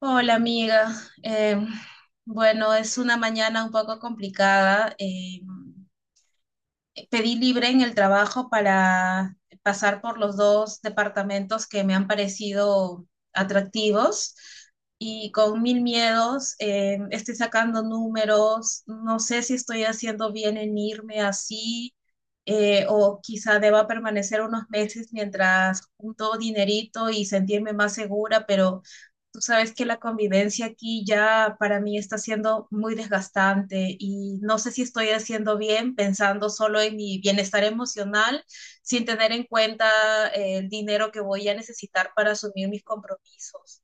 Hola amiga. Em, bueno, es una mañana un poco complicada. Pedí libre en el trabajo para pasar por los dos departamentos que me han parecido atractivos y con mil miedos estoy sacando números, no sé si estoy haciendo bien en irme así, o quizá deba permanecer unos meses mientras junto dinerito y sentirme más segura, pero... Tú sabes que la convivencia aquí ya para mí está siendo muy desgastante y no sé si estoy haciendo bien pensando solo en mi bienestar emocional sin tener en cuenta, el dinero que voy a necesitar para asumir mis compromisos.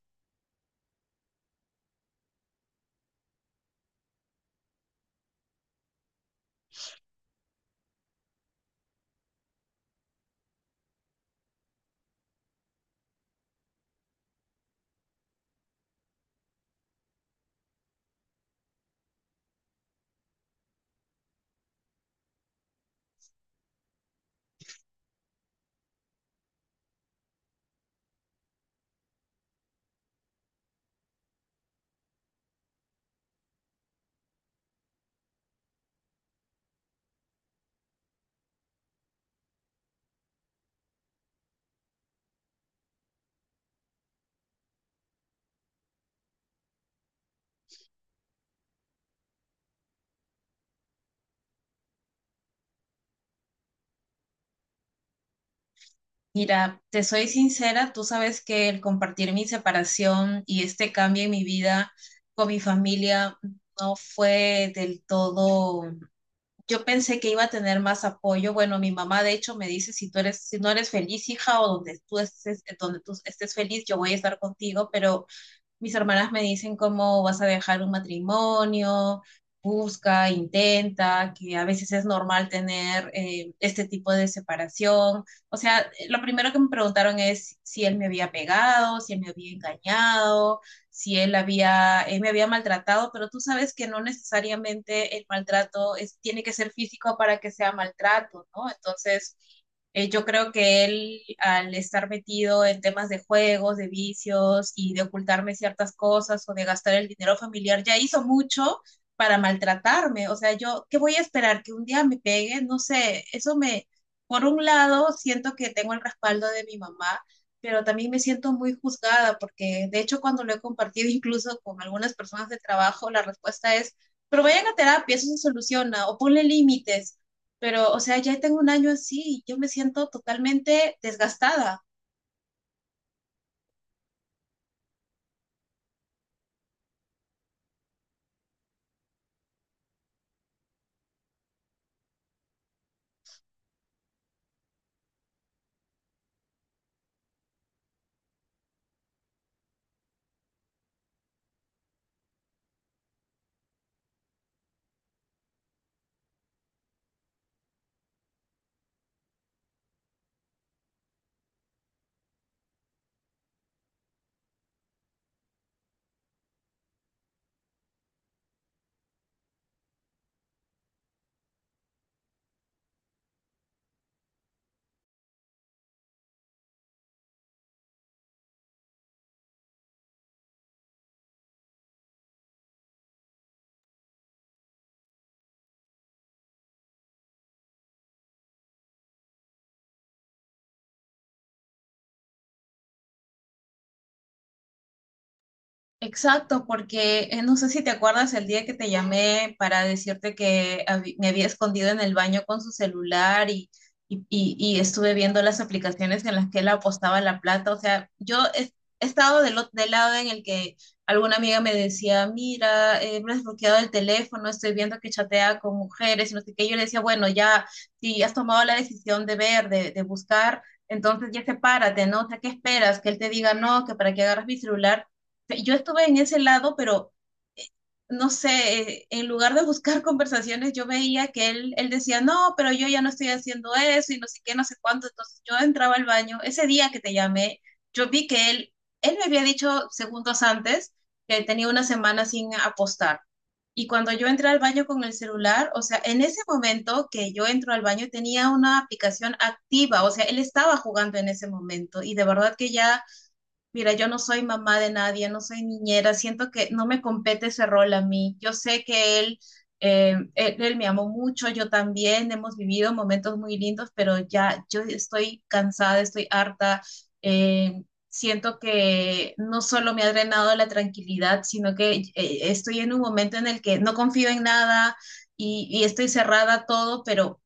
Mira, te soy sincera, tú sabes que el compartir mi separación y este cambio en mi vida con mi familia no fue del todo. Yo pensé que iba a tener más apoyo. Bueno, mi mamá de hecho me dice, si tú eres, si no eres feliz, hija, o donde tú estés feliz, yo voy a estar contigo, pero mis hermanas me dicen cómo vas a dejar un matrimonio, busca, intenta, que a veces es normal tener, este tipo de separación. O sea, lo primero que me preguntaron es si él me había pegado, si él me había engañado, si él había, él me había maltratado, pero tú sabes que no necesariamente el maltrato es, tiene que ser físico para que sea maltrato, ¿no? Entonces, yo creo que él, al estar metido en temas de juegos, de vicios y de ocultarme ciertas cosas o de gastar el dinero familiar, ya hizo mucho para maltratarme. O sea, yo, ¿qué voy a esperar? ¿Que un día me pegue? No sé, eso me, por un lado, siento que tengo el respaldo de mi mamá, pero también me siento muy juzgada porque, de hecho, cuando lo he compartido incluso con algunas personas de trabajo, la respuesta es, pero vayan a terapia, eso se soluciona, o ponle límites, pero, o sea, ya tengo un año así, y yo me siento totalmente desgastada. Exacto, porque no sé si te acuerdas el día que te llamé para decirte que me había escondido en el baño con su celular y estuve viendo las aplicaciones en las que él apostaba la plata. O sea, yo he, he estado del, del lado en el que alguna amiga me decía, mira, me has bloqueado el teléfono, estoy viendo que chatea con mujeres y no sé qué. Yo le decía, bueno, ya, si has tomado la decisión de ver, de buscar, entonces ya sepárate, ¿no? O sea, ¿qué esperas? Que él te diga, no, que para qué agarras mi celular. Yo estuve en ese lado, pero no sé, en lugar de buscar conversaciones, yo veía que él decía, no, pero yo ya no estoy haciendo eso y no sé qué, no sé cuánto. Entonces yo entraba al baño, ese día que te llamé, yo vi que él me había dicho segundos antes que tenía una semana sin apostar. Y cuando yo entré al baño con el celular, o sea, en ese momento que yo entro al baño tenía una aplicación activa, o sea, él estaba jugando en ese momento y de verdad que ya... Mira, yo no soy mamá de nadie, no soy niñera, siento que no me compete ese rol a mí. Yo sé que él, él me amó mucho, yo también, hemos vivido momentos muy lindos, pero ya yo estoy cansada, estoy harta. eh, Siento que no solo me ha drenado la tranquilidad, sino que, estoy en un momento en el que no confío en nada y estoy cerrada a todo, pero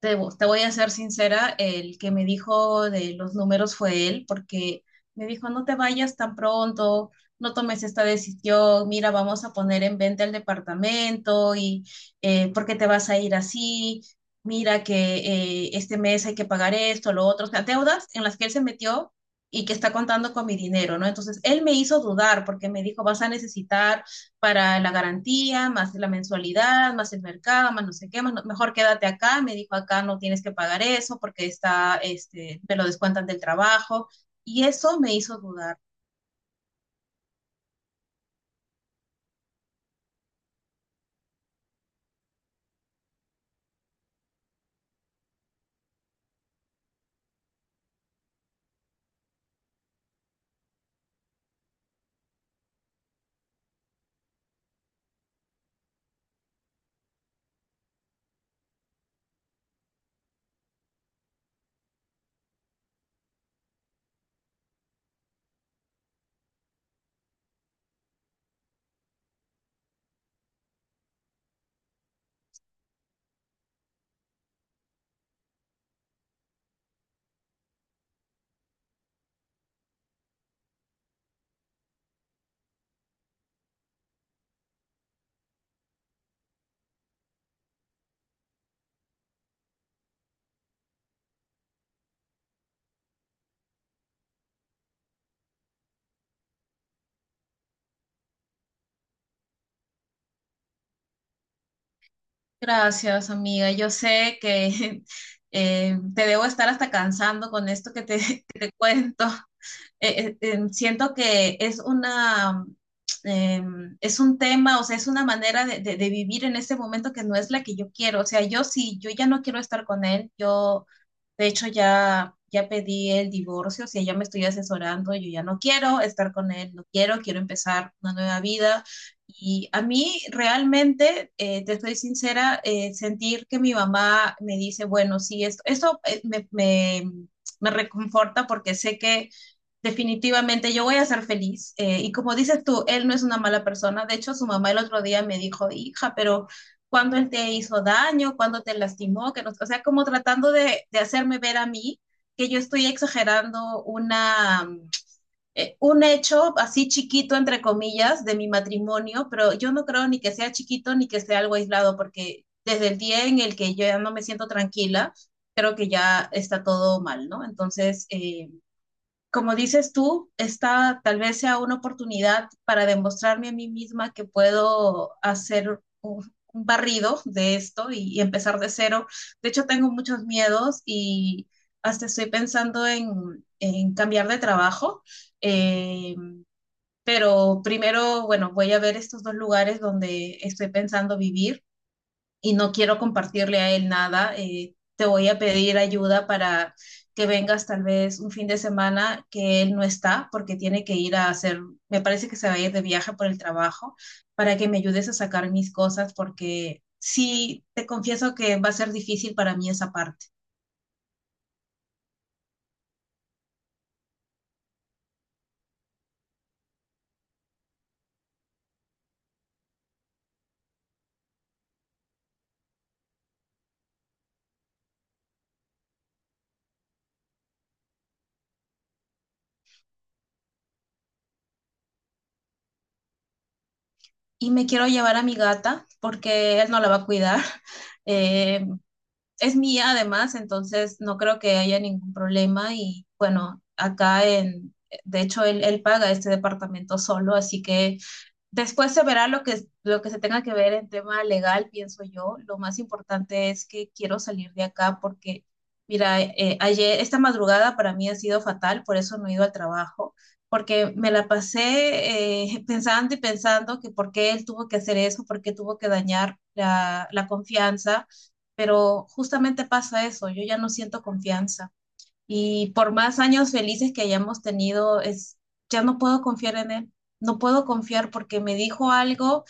te, te voy a ser sincera, el que me dijo de los números fue él, porque me dijo, no te vayas tan pronto, no tomes esta decisión, mira, vamos a poner en venta el departamento y, ¿por qué te vas a ir así? Mira que, este mes hay que pagar esto, lo otro, o sea, deudas en las que él se metió y que está contando con mi dinero, ¿no? Entonces, él me hizo dudar porque me dijo, vas a necesitar para la garantía, más la mensualidad, más el mercado, más no sé qué, más mejor quédate acá, me dijo acá no tienes que pagar eso porque está, este, me lo descuentan del trabajo y eso me hizo dudar. Gracias, amiga. Yo sé que te debo estar hasta cansando con esto que que te cuento. Siento que es una, eh, es un tema, o sea, es una manera de, de vivir en este momento que no es la que yo quiero. O sea, yo sí, yo ya no quiero estar con él. Yo, de hecho, ya pedí el divorcio, o sea, ya me estoy asesorando, yo ya no quiero estar con él, no quiero, quiero empezar una nueva vida. Y a mí realmente, te estoy sincera, sentir que mi mamá me dice, bueno, sí, esto, me reconforta porque sé que definitivamente yo voy a ser feliz. Y como dices tú, él no es una mala persona. De hecho, su mamá el otro día me dijo, hija, pero cuando él te hizo daño, cuando te lastimó, que no, o sea, como tratando de hacerme ver a mí que yo estoy exagerando una, un hecho así chiquito, entre comillas, de mi matrimonio, pero yo no creo ni que sea chiquito ni que sea algo aislado, porque desde el día en el que yo ya no me siento tranquila, creo que ya está todo mal, ¿no? Entonces, como dices tú, esta tal vez sea una oportunidad para demostrarme a mí misma que puedo hacer un barrido de esto y empezar de cero. De hecho, tengo muchos miedos y hasta estoy pensando en cambiar de trabajo. Eh, pero primero, bueno, voy a ver estos dos lugares donde estoy pensando vivir y no quiero compartirle a él nada. Te voy a pedir ayuda para que vengas tal vez un fin de semana que él no está porque tiene que ir a hacer, me parece que se va a ir de viaje por el trabajo, para que me ayudes a sacar mis cosas porque sí, te confieso que va a ser difícil para mí esa parte. Y me quiero llevar a mi gata porque él no la va a cuidar. Eh, es mía además, entonces no creo que haya ningún problema y bueno, acá en, de hecho él, él paga este departamento solo, así que... Después se verá lo que se tenga que ver en tema legal, pienso yo. Lo más importante es que quiero salir de acá porque, mira, ayer, esta madrugada para mí ha sido fatal, por eso no he ido al trabajo, porque me la pasé pensando y pensando que por qué él tuvo que hacer eso, por qué tuvo que dañar la confianza, pero justamente pasa eso, yo ya no siento confianza. Y por más años felices que hayamos tenido, es, ya no puedo confiar en él. No puedo confiar porque me dijo algo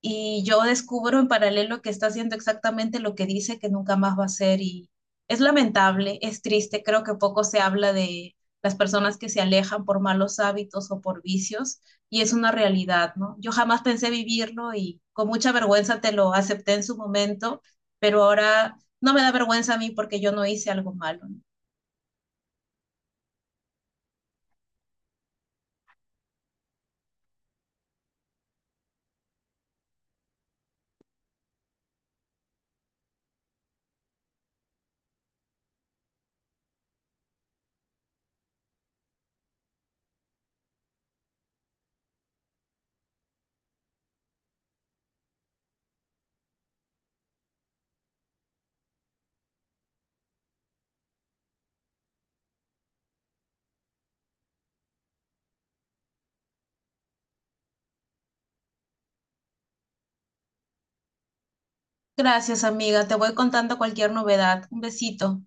y yo descubro en paralelo que está haciendo exactamente lo que dice que nunca más va a hacer. Y es lamentable, es triste. Creo que poco se habla de las personas que se alejan por malos hábitos o por vicios. Y es una realidad, ¿no? Yo jamás pensé vivirlo y con mucha vergüenza te lo acepté en su momento, pero ahora no me da vergüenza a mí porque yo no hice algo malo, ¿no? Gracias, amiga. Te voy contando cualquier novedad. Un besito.